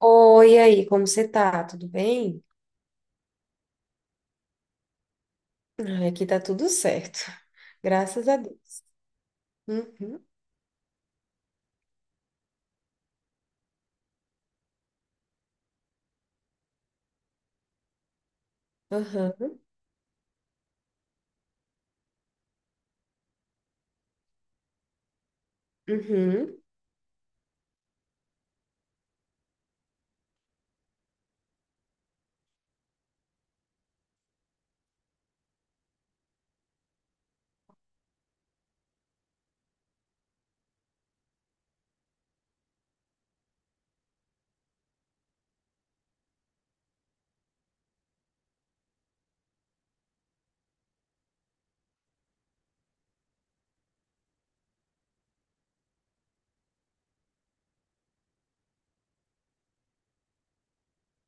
Oi, e aí, como você tá? Tudo bem? Ai, aqui tá tudo certo, graças a Deus. Uhum, aham, uhum.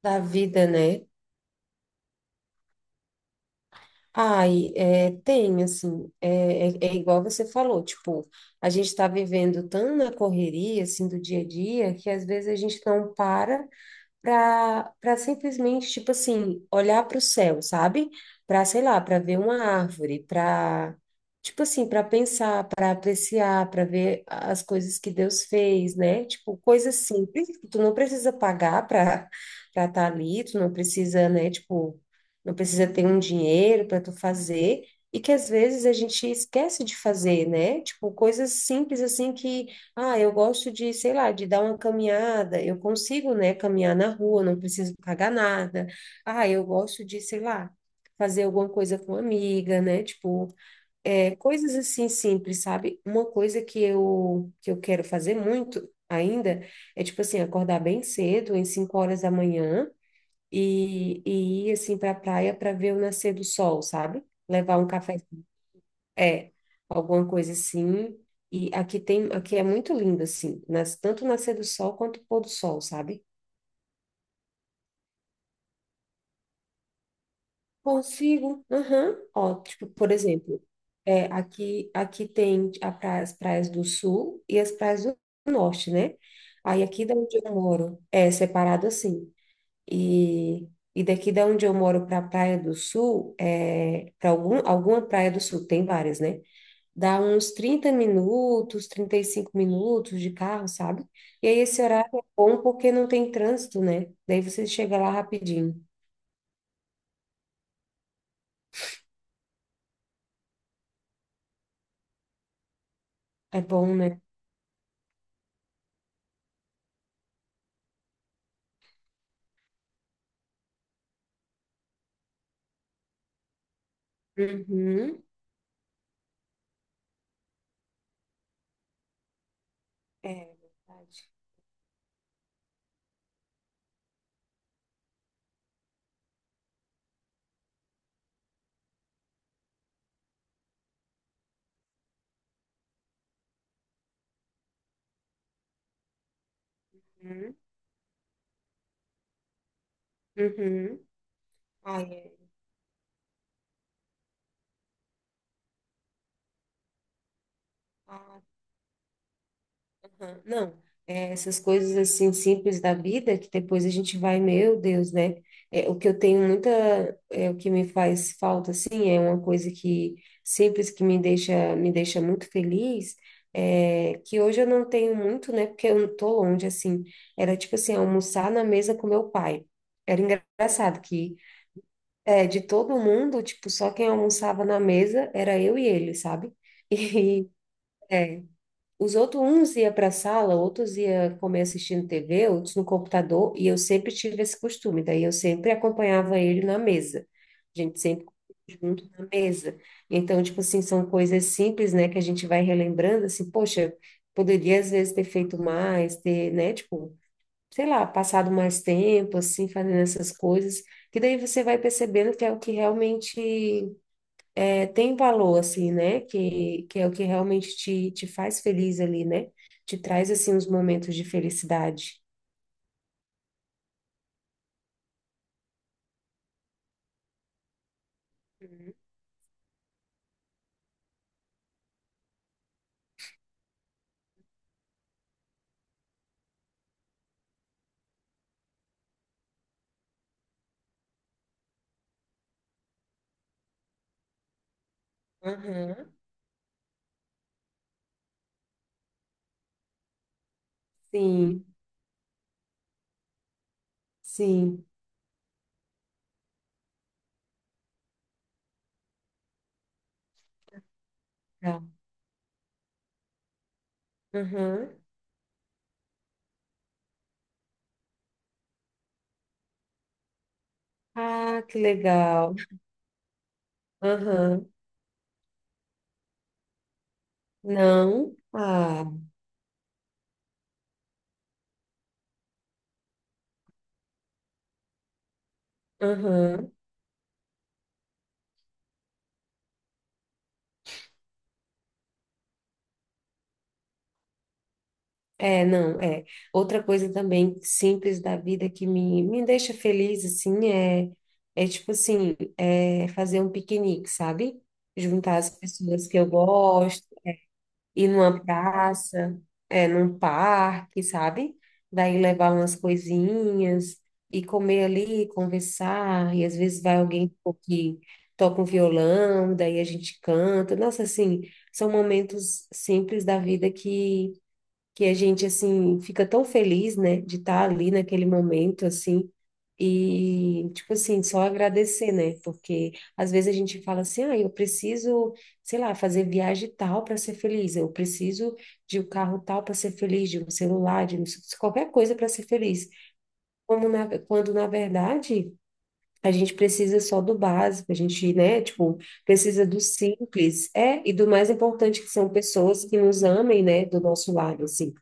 Da vida, né? Ai, é, tem, assim, igual você falou, tipo, a gente tá vivendo tão na correria, assim, do dia a dia, que às vezes a gente não para para simplesmente, tipo assim, olhar para o céu, sabe? Para, sei lá, para ver uma árvore, para, tipo assim, para pensar, para apreciar, para ver as coisas que Deus fez, né? Tipo, coisas simples, que tu não precisa pagar para estar ali, tu não precisa, né? Tipo, não precisa ter um dinheiro para tu fazer. E que às vezes a gente esquece de fazer, né? Tipo, coisas simples assim que ah, eu gosto de, sei lá, de dar uma caminhada. Eu consigo, né, caminhar na rua, não preciso pagar nada. Ah, eu gosto de, sei lá, fazer alguma coisa com amiga, né? Tipo, coisas assim simples, sabe? Uma coisa que eu quero fazer muito ainda é tipo assim, acordar bem cedo, em 5h da manhã e ir assim para a praia para ver o nascer do sol, sabe? Levar um café, é, alguma coisa assim. E aqui tem, aqui é muito lindo, assim, nas, tanto nascer do sol quanto pôr do sol, sabe? Consigo, aham. Ó, tipo, por exemplo, aqui tem as praias do sul e as praias do norte, né? Aí aqui da onde eu moro é separado assim. E, e daqui da onde eu moro para a Praia do Sul, é, para algum, alguma praia do sul, tem várias, né? Dá uns 30 minutos, 35 minutos de carro, sabe? E aí esse horário é bom porque não tem trânsito, né? Daí você chega lá rapidinho. É bom, né? Uhum. É verdade. Uhum. Uhum. Ai, é. Ah, aham, não, é, essas coisas assim simples da vida que depois a gente vai, meu Deus, né? É, o que eu tenho muita, o que me faz falta assim é uma coisa que simples que me deixa muito feliz, que hoje eu não tenho muito, né? Porque eu não tô longe assim. Era tipo assim almoçar na mesa com meu pai. Era engraçado que de todo mundo, tipo, só quem almoçava na mesa era eu e ele, sabe? E é, os outros, uns ia para a sala, outros ia comer assistindo TV, outros no computador, e eu sempre tive esse costume, daí eu sempre acompanhava ele na mesa. A gente sempre comia junto na mesa. Então, tipo assim, são coisas simples, né, que a gente vai relembrando, assim, poxa, poderia às vezes ter feito mais, ter, né, tipo, sei lá, passado mais tempo, assim, fazendo essas coisas, que daí você vai percebendo que é o que realmente tem valor, assim, né? Que é o que realmente te, te faz feliz ali, né? Te traz, assim, os momentos de felicidade. Uhum. Sim, sim. Tá. Aham. Ah, que legal. Aham. Não. Ah, aham. É, não, é. Outra coisa também simples da vida que me deixa feliz, assim, tipo assim, é fazer um piquenique, sabe? Juntar as pessoas que eu gosto ir numa praça, é, num parque, sabe? Daí levar umas coisinhas e comer ali, conversar, e às vezes vai alguém que toca um violão, daí a gente canta. Nossa, assim, são momentos simples da vida que a gente assim fica tão feliz, né, de estar ali naquele momento assim e tipo assim, só agradecer, né? Porque às vezes a gente fala assim: "Ah, eu preciso, sei lá, fazer viagem tal para ser feliz, eu preciso de um carro tal para ser feliz, de um celular, qualquer coisa para ser feliz". Quando na verdade a gente precisa só do básico, a gente, né, tipo, precisa do simples, é, e do mais importante que são pessoas que nos amem, né, do nosso lado, assim.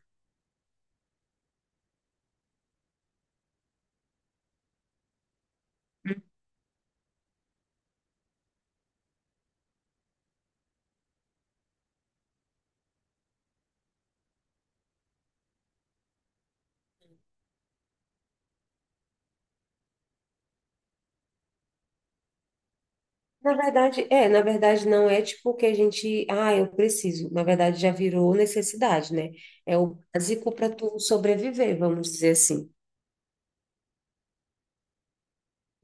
Na verdade, é, na verdade não é tipo que a gente, ah, eu preciso. Na verdade já virou necessidade, né? É o básico para tu sobreviver, vamos dizer assim.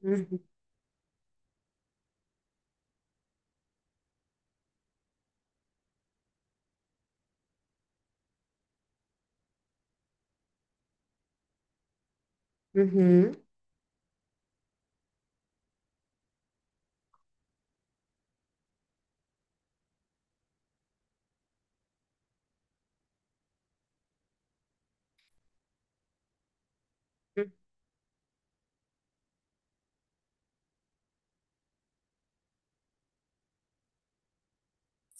Uhum. Uhum.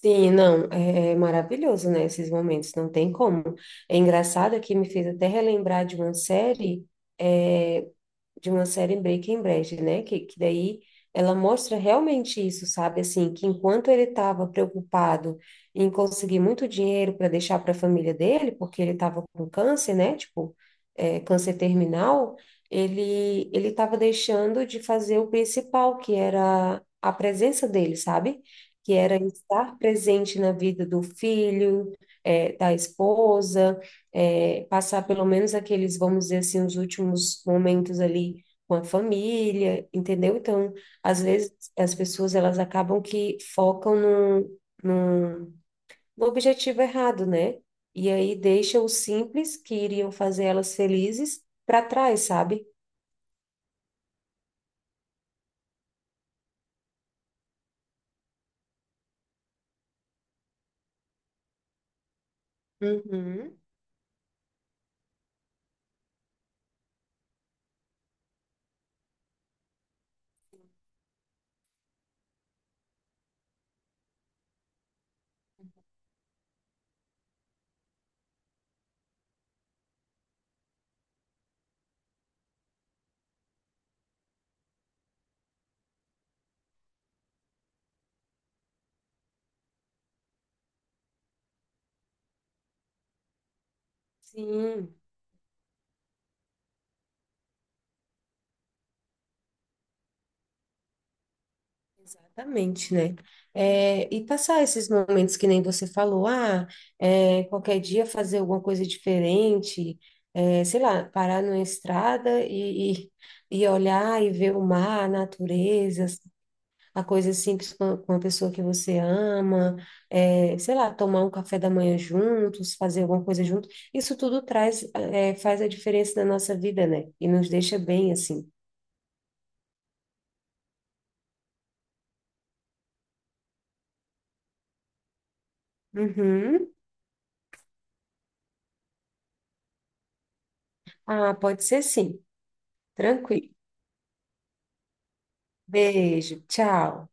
Sim, não, é maravilhoso, né, esses momentos, não tem como. É engraçado que me fez até relembrar é, de uma série Breaking Bad, né? Que daí ela mostra realmente isso, sabe? Assim, que enquanto ele estava preocupado em conseguir muito dinheiro para deixar para a família dele, porque ele estava com câncer, né? Tipo, câncer terminal, ele estava deixando de fazer o principal, que era a presença dele, sabe? Que era estar presente na vida do filho, da esposa, passar pelo menos aqueles, vamos dizer assim, os últimos momentos ali com a família, entendeu? Então, às vezes as pessoas elas acabam que focam no objetivo errado, né? E aí deixa o simples que iriam fazer elas felizes para trás, sabe? Uhum. Sim. Exatamente, né? É, e passar esses momentos que nem você falou, ah, qualquer dia fazer alguma coisa diferente, sei lá, parar numa estrada e olhar e ver o mar, a natureza, a coisa simples com a pessoa que você ama, sei lá, tomar um café da manhã juntos, fazer alguma coisa junto, isso tudo faz a diferença na nossa vida, né? E nos deixa bem assim. Uhum. Ah, pode ser sim, tranquilo. Beijo, tchau.